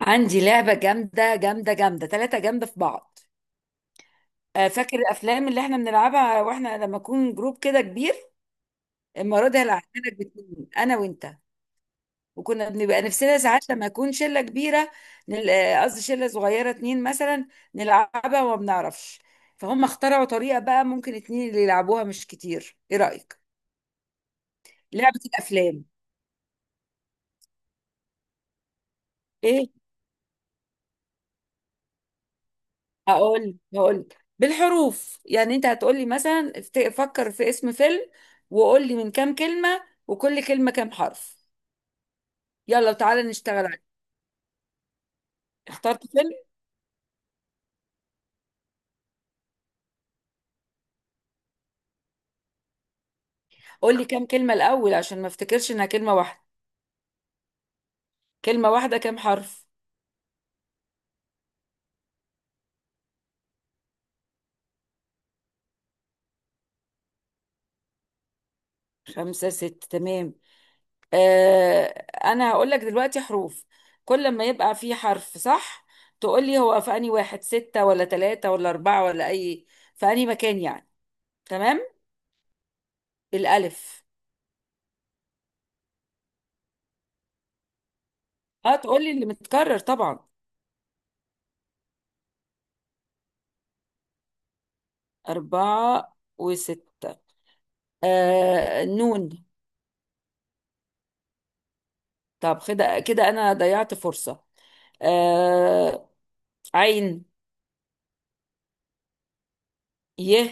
عندي لعبة جامدة جامدة جامدة تلاتة جامدة في بعض. فاكر الأفلام اللي احنا بنلعبها واحنا لما نكون جروب كده كبير؟ المرة دي هلعبها لك باتنين أنا وأنت. وكنا بنبقى نفسنا ساعات لما يكون شلة كبيرة. قصدي شلة صغيرة اتنين مثلا. نلعبها وما بنعرفش. فهم اخترعوا طريقة بقى ممكن اتنين اللي يلعبوها مش كتير. إيه رأيك؟ لعبة الأفلام. إيه؟ هقول. بالحروف، يعني انت هتقولي مثلا فكر في اسم فيلم، وقول لي من كام كلمة، وكل كلمة كام حرف. يلا تعالى نشتغل عليه. اخترت فيلم؟ قول لي كام كلمة الأول عشان ما افتكرش انها كلمة واحدة. كلمة واحدة كام حرف؟ خمسة ستة، تمام. آه انا هقول لك دلوقتي حروف. كل ما يبقى فيه حرف صح تقول لي هو في انهي واحد، ستة ولا ثلاثة ولا أربعة، ولا أي في انهي مكان يعني. تمام. الألف. اه، تقول لي اللي متكرر طبعا. أربعة وستة. نون. طب كده كده أنا ضيعت فرصة. آه. عين. ي.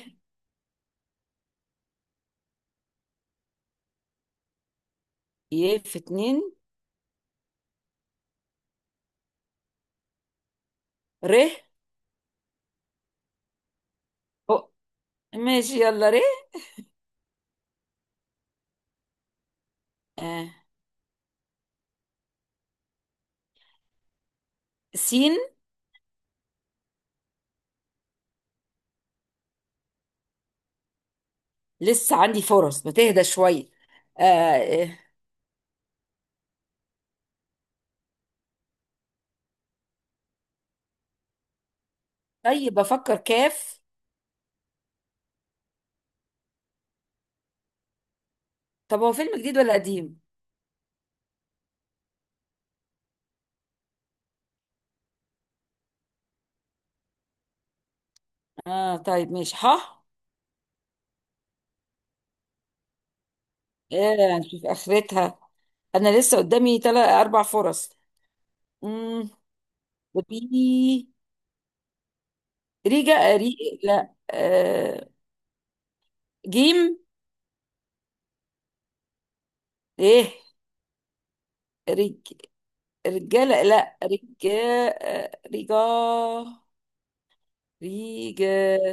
ي في اتنين. ر. أو- ماشي، يلا، ر. آه سين. لسه عندي فرص، ما تهدى شوية. آه. آه، طيب بفكر، كاف. طب هو فيلم جديد ولا قديم؟ اه، طيب ماشي، ح. نشوف آخرتها، أنا لسه قدامي تلات أربع فرص. مم. ريجا، ري. لا. جيم. ايه. رج. رجالة، لا، رجا. رجا. ريجا.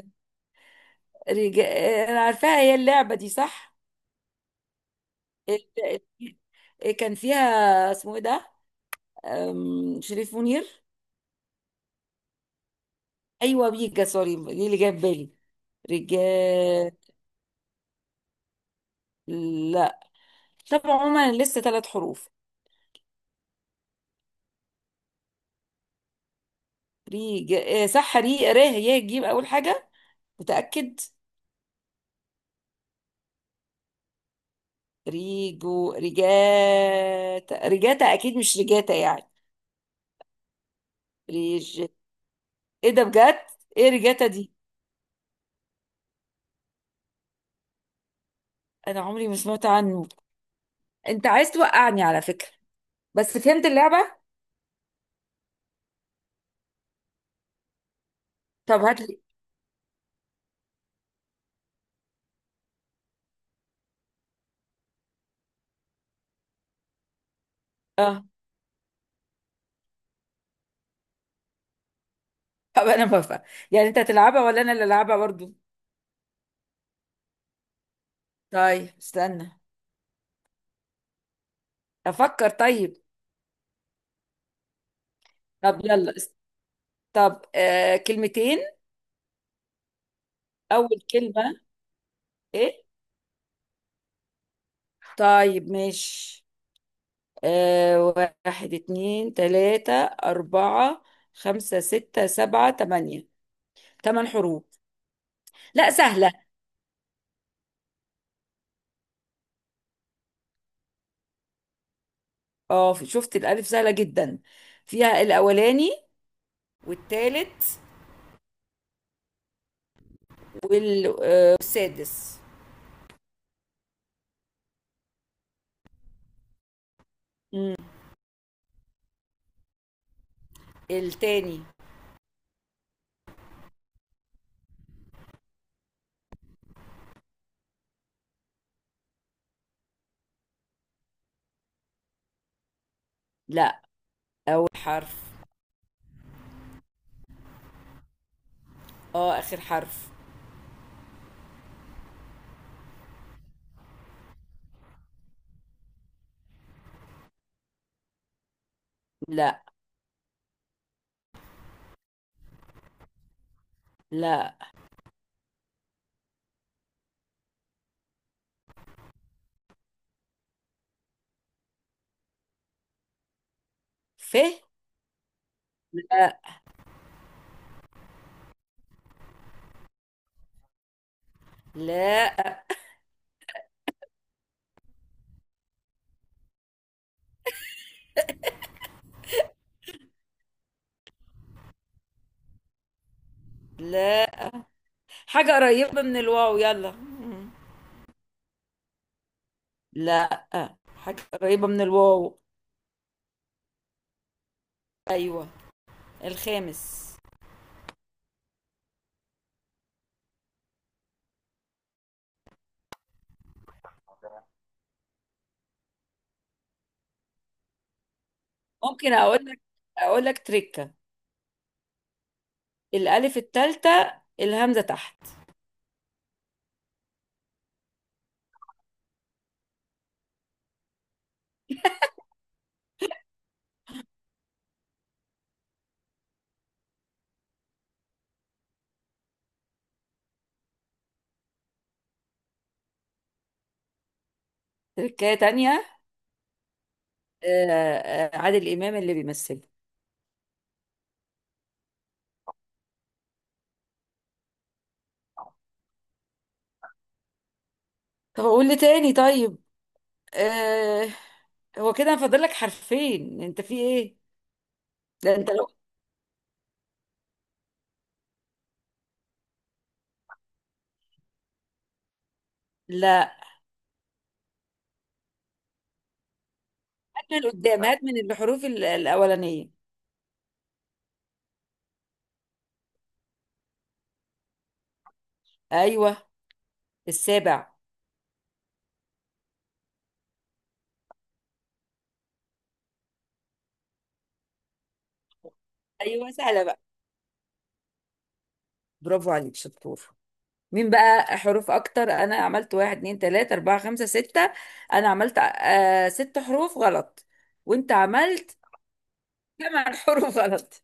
رجا. انا عارفاها هي، اللعبة دي صح؟ ال- ال- إيه، كان فيها اسمه ايه ده؟ شريف منير. ايوه، بيجا، سوري دي اللي جايه في بالي. رجا. لا. طب عموما لسه 3 حروف. ريجا. صح، ري، ره، يه، جيم اول حاجة. متأكد. ريجو، ريجاتا، ريجاتا اكيد مش ريجاتا يعني. ريج. ايه ده بجد؟ ايه ريجاتا دي؟ انا عمري ما سمعت عنه. انت عايز توقعني على فكرة. بس فهمت اللعبة. طب هات لي. اه، طب انا بفهم، يعني انت هتلعبها ولا انا اللي العبها برضو؟ طيب استنى، افكر طيب. طب يلا است- طب، كلمتين. اول كلمة. ايه. طيب ماشي. آه واحد، اتنين، تلاتة، أربعة، خمسة، ستة، سبعة، تمانية. 8 حروف. لا سهلة. اه، شفت؟ الألف سهلة جدا. فيها الأولاني والتالت وال- آه، والسادس. مم. التاني. لا، أول حرف. اه، آخر حرف. لا. لا. ف. لا. لا، لا، حاجة قريبة من الواو، يلا. لا، حاجة قريبة من الواو. أيوة، الخامس. ممكن اقول لك؟ اقول لك، تريكه. الالف الثالثه الهمزه تحت. تريكه تانية. آه، عادل امام اللي بيمثله. طب اقول لي تاني طيب. آه، هو كده فاضل لك حرفين، انت في ايه؟ ده انت لو. لا، هات من قدام، هات من الحروف الاولانيه. ايوه، السابع. ايوه سهله بقى. برافو عليك، شطور. مين بقى حروف اكتر؟ انا عملت واحد، اتنين، تلاته، اربعه، خمسه، سته. انا عملت 6 حروف غلط. وانت عملت 8 حروف غلط.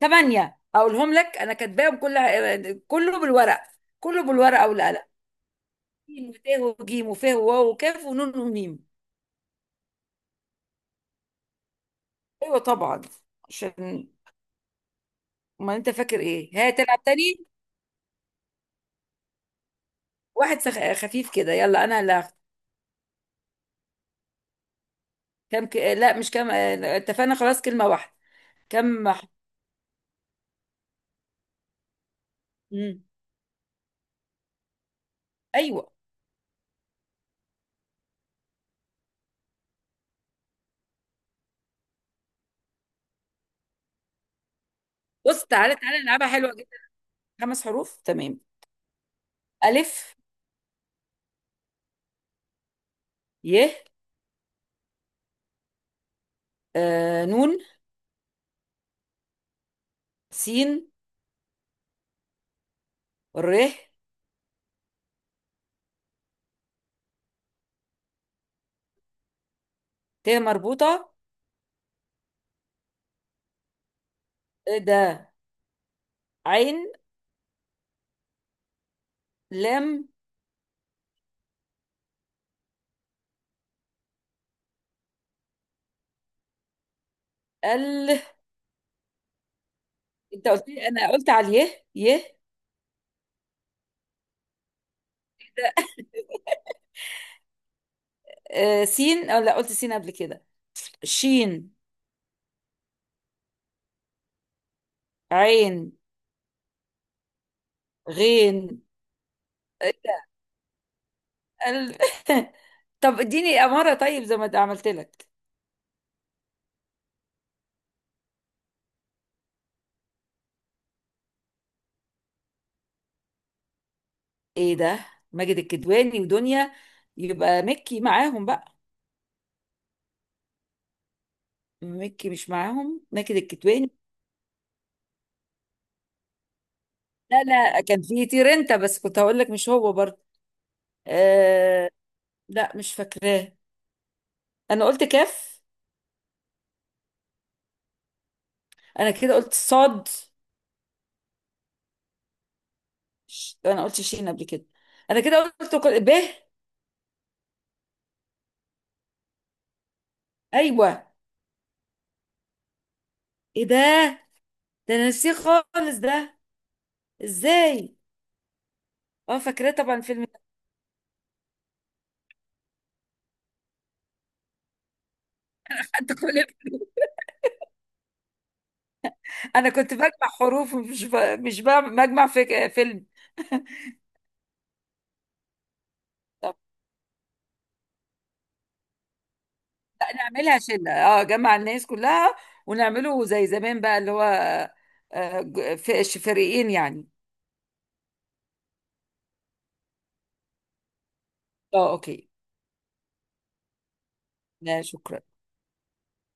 8 أقولهم لك، أنا كاتباهم كلها، كله بالورق، كله بالورقة والقلم. ج، وت، وج، وف، وواو، وكاف، ونون، وميم. أيوة طبعا، عشان ما أنت فاكر إيه، ها تلعب تاني. واحد خفيف كده، يلا أنا اللي هاخد. كم لا مش كم، اتفقنا خلاص كلمة واحدة. كم مم. أيوة. بص، تعالى تعالى نلعبها حلوة جدا. 5 حروف، تمام. ألف. ي. نون. سين. ر. ت مربوطة. ده. عين. لام. ال. انت قلت لي، انا قلت على اليه، يه. سين، او لا، قلت سين قبل كده. شين. عين. غين. ال... طب اديني اماره طيب، زي ما ده عملت لك. ايه ده؟ ماجد الكدواني ودنيا، يبقى مكي معاهم بقى. مكي مش معاهم، ماجد الكدواني. لا لا، كان في تيرنتا بس كنت هقول لك مش هو برضه. آه. لا، مش فاكراه. انا قلت كاف. انا كده قلت صاد. انا قلت شين قبل كده. انا كده قلت ب. ايوه. ايه ده؟ ده انا نسيه خالص ده، ازاي؟ اه، فاكراه طبعا، فيلم. انت كل. انا كنت بجمع حروف، مش مش بجمع في فيلم. طب نعملها شله، اه، جمع الناس كلها، ونعمله زي زمان بقى، اللي هو آه، ج- في فريقين يعني. اه، اوكي. لا شكرا.